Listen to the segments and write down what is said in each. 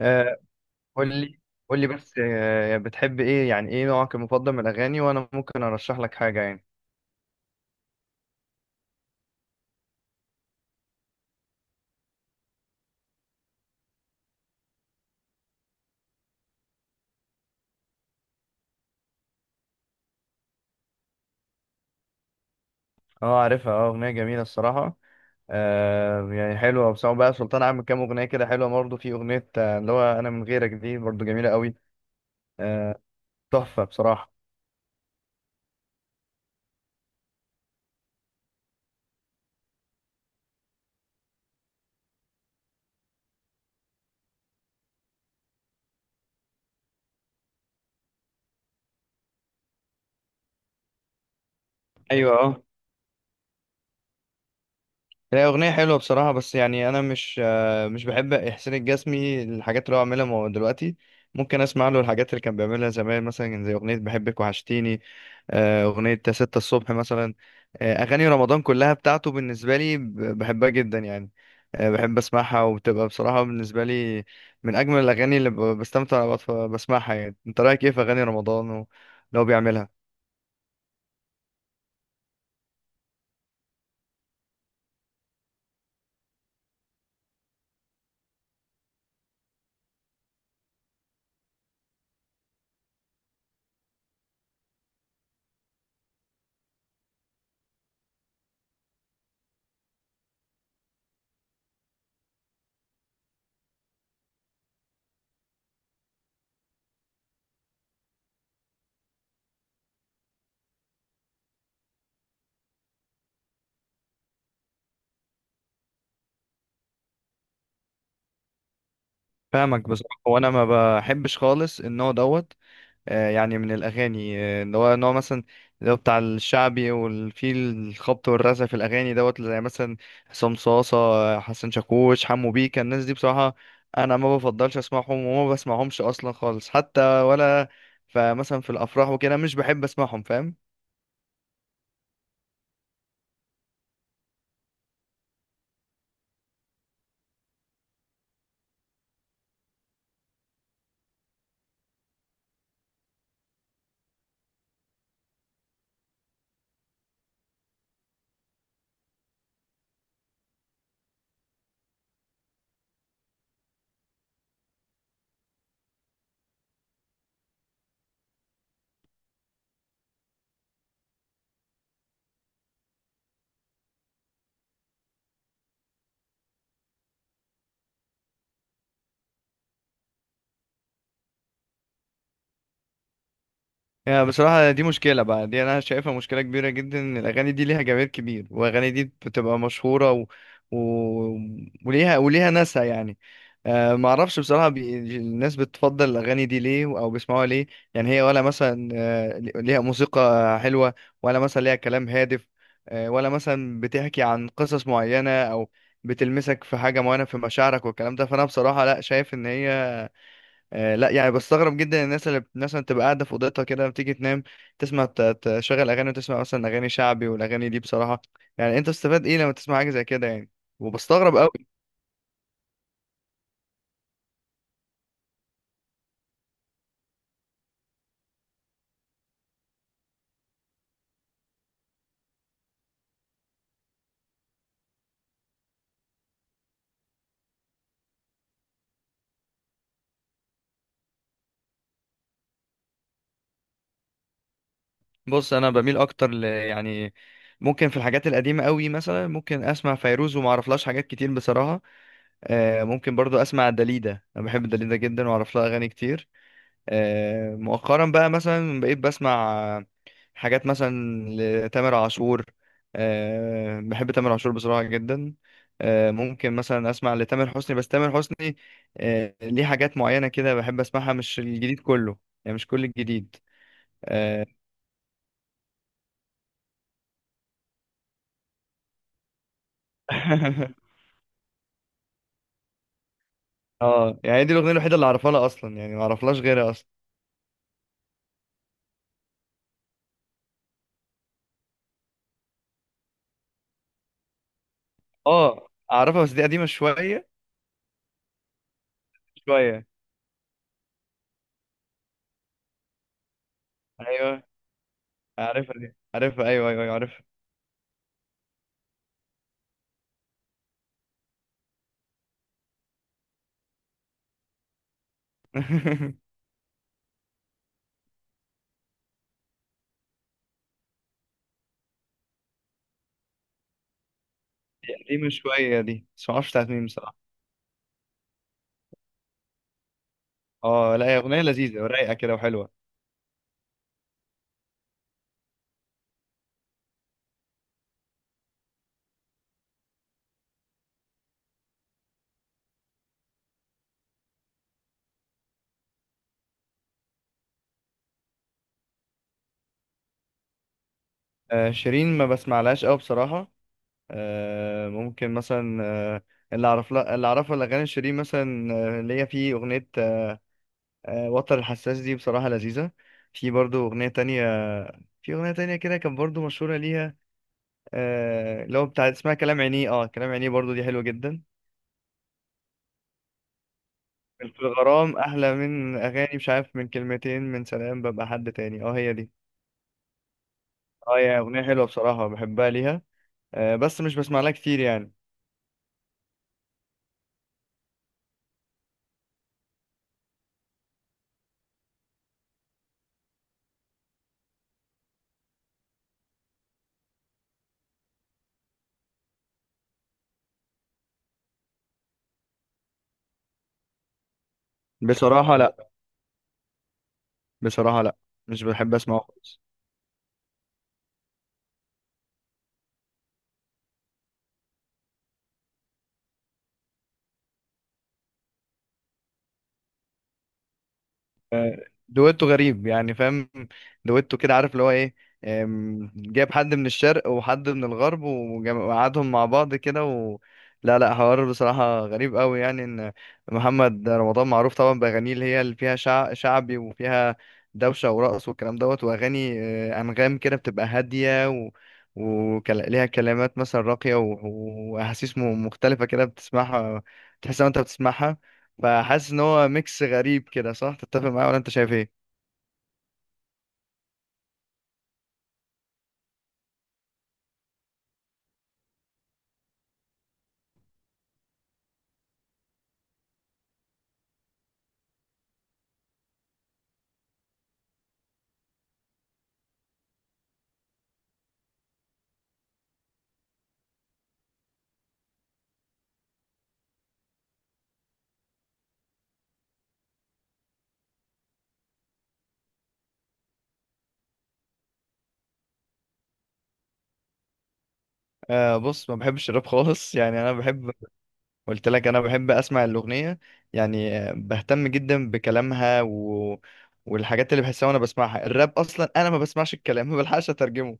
آه، قول لي قول لي بس بتحب ايه، يعني ايه نوعك المفضل من الاغاني وانا ممكن ارشح لك حاجه يعني. اه عارفها، اه اغنيه جميله الصراحه. آه يعني حلوه، وسواء بقى سلطان عامل كام اغنيه كده حلوه برضه، في اغنيه اللي هو انا من غيرك دي برضه جميله قوي. آه، تحفه بصراحه. ايوه اه، هي اغنيه حلوه بصراحه، بس يعني انا مش بحب احسان الجسمي الحاجات اللي هو عاملها دلوقتي. ممكن اسمع له الحاجات اللي كان بيعملها زمان، مثلا زي اغنيه بحبك وحشتيني، أغنية يا ستة الصبح مثلا. أغاني رمضان كلها بتاعته بالنسبة لي بحبها جدا يعني. بحب أسمعها، وبتبقى بصراحة بالنسبة لي من أجمل الأغاني اللي بستمتع وأنا بسمعها يعني. أنت رأيك إيه في أغاني رمضان واللي هو بيعملها؟ فاهمك بصراحة، وأنا ما بحبش خالص النوع دوت. يعني من الأغاني اللي هو نوع مثلا اللي هو بتاع الشعبي، وفي الخبط والرزع في الأغاني دوت، زي مثلا حسام صاصة، حسن شاكوش، حمو بيكا. الناس دي بصراحة أنا ما بفضلش أسمعهم، وما بسمعهمش أصلا خالص حتى، ولا فمثلا في الأفراح وكده مش بحب أسمعهم، فاهم يعني. بصراحة دي مشكلة بقى، دي أنا شايفها مشكلة كبيرة جدا، إن الأغاني دي ليها جماهير كبير، والأغاني دي بتبقى مشهورة و... وليها وليها ناسها يعني. أه معرفش بصراحة الناس بتفضل الأغاني دي ليه أو بيسمعوها ليه. يعني هي ولا مثلا ليها موسيقى حلوة، ولا مثلا ليها كلام هادف، أه ولا مثلا بتحكي عن قصص معينة، أو بتلمسك في حاجة معينة في مشاعرك والكلام ده. فأنا بصراحة لأ شايف إن هي آه لا، يعني بستغرب جدا الناس اللي مثلا تبقى قاعده في اوضتها كده بتيجي تنام، تسمع تشغل اغاني وتسمع مثلا اغاني شعبي، والاغاني دي بصراحه يعني انت بتستفاد ايه لما تسمع حاجه زي كده يعني. وبستغرب قوي. بص انا بميل اكتر ل يعني ممكن في الحاجات القديمه قوي، مثلا ممكن اسمع فيروز وما اعرفلهاش حاجات كتير بصراحه. آه ممكن برضو اسمع داليدا، انا بحب داليدا جدا واعرف لها اغاني كتير. آه مؤخرا بقى مثلا بقيت بسمع حاجات مثلا لتامر عاشور. أه بحب تامر عاشور بصراحة جدا. أه ممكن مثلا أسمع لتامر حسني، بس تامر حسني أه ليه حاجات معينة كده بحب أسمعها، مش الجديد كله، يعني مش كل الجديد. اه يعني دي الأغنية الوحيدة اللي أعرفها لها أصلا، يعني ما أعرفلهاش غيرها أصلا. اه أعرفها، بس دي قديمة شوية. شوية. أيوه عارفها، دي عارفها، أيوه أيوه أيوه عارفها. دي قديمة شوية، دي بس معرفش بتاعت مين بصراحة. اه لا، هي أغنية لذيذة ورايقة كده وحلوة. شيرين ما بسمعلهاش قوي بصراحة. آه، ممكن مثلا آه، اللي اعرف لها، اللي اعرفه الاغاني شيرين مثلا اللي هي في اغنية وتر الحساس، دي بصراحة لذيذة. في برضو اغنية تانية، في اغنية تانية كده كان برضو مشهورة ليها اللي هو بتاع اسمها كلام عينيه. اه كلام عينيه برضو دي حلوة جدا. في الغرام احلى من اغاني مش عارف، من كلمتين من سلام ببقى حد تاني، اه هي دي. اه هي اغنية حلوة بصراحة، بحبها ليها، بس مش بسمع لها كتير يعني. بصراحة لا. بصراحة لا، مش بحب اسمعه خالص. آه، دويتو غريب يعني، فاهم؟ دويتو كده عارف اللي هو ايه. جايب حد من الشرق وحد من الغرب وقعدهم مع بعض كده لا لا، حوار بصراحة غريب قوي، يعني ان محمد رمضان معروف طبعا بأغانيه اللي هي اللي فيها شعبي وفيها دوشة ورقص والكلام دوت، وأغاني أنغام كده بتبقى هادية وليها كلمات مثلا راقية وأحاسيس مختلفة كده بتسمعها تحس إن أنت بتسمعها. فحاسس ان هو ميكس غريب كده، صح؟ تتفق معايا، ولا انت شايف ايه؟ آه بص ما بحبش الراب خالص يعني انا بحب، قلت لك انا بحب اسمع الاغنيه، يعني بهتم جدا بكلامها والحاجات اللي بحسها وانا بسمعها. الراب اصلا انا ما بسمعش الكلام، ما بلحقش اترجمه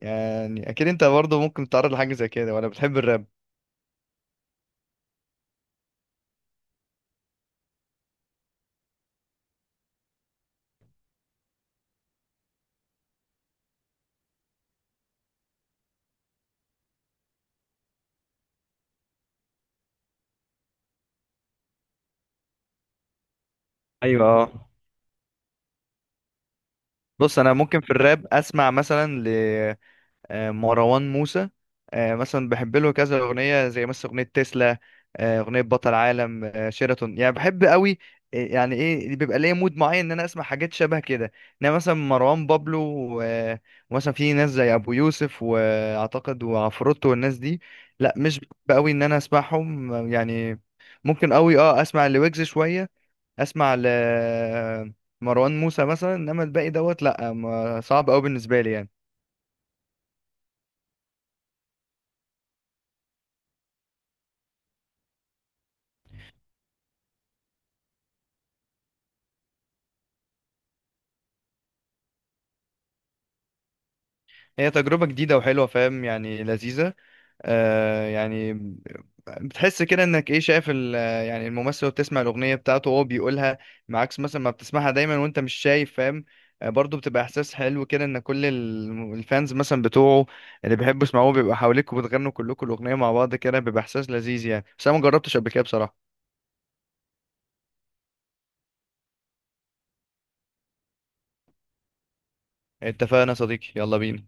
يعني. اكيد انت برضه ممكن تتعرض لحاجه زي كده، ولا بتحب الراب؟ ايوه اه. بص انا ممكن في الراب اسمع مثلا مروان موسى. مثلا بحب له كذا اغنيه، زي مثلا اغنيه تسلا، اغنيه بطل عالم، شيراتون، يعني بحب قوي. يعني ايه بيبقى ليا مود معين ان انا اسمع حاجات شبه كده. انما مثلا مروان بابلو و- ومثلا في ناس زي ابو يوسف واعتقد وعفروتو والناس دي، لا مش بحب قوي ان انا اسمعهم يعني. ممكن قوي اه اسمع لويجز شويه، اسمع ل مروان موسى مثلا، انما الباقي دوت لا، صعب قوي بالنسبه لي يعني. هي تجربة جديدة وحلوة، فاهم يعني، لذيذة. آه يعني بتحس كده انك ايه، شايف يعني الممثل وهو بتسمع الأغنية بتاعته وهو بيقولها معاكس، مثلا ما بتسمعها دايما وانت مش شايف، فاهم؟ آه برضه بتبقى احساس حلو كده، ان كل الفانز مثلا بتوعه اللي بيحبوا يسمعوه بيبقى حواليك، وبتغنوا كلكم الأغنية مع بعض كده، بيبقى احساس لذيذ يعني. بس انا ما جربتش قبل كده بصراحة. اتفقنا يا صديقي، يلا بينا.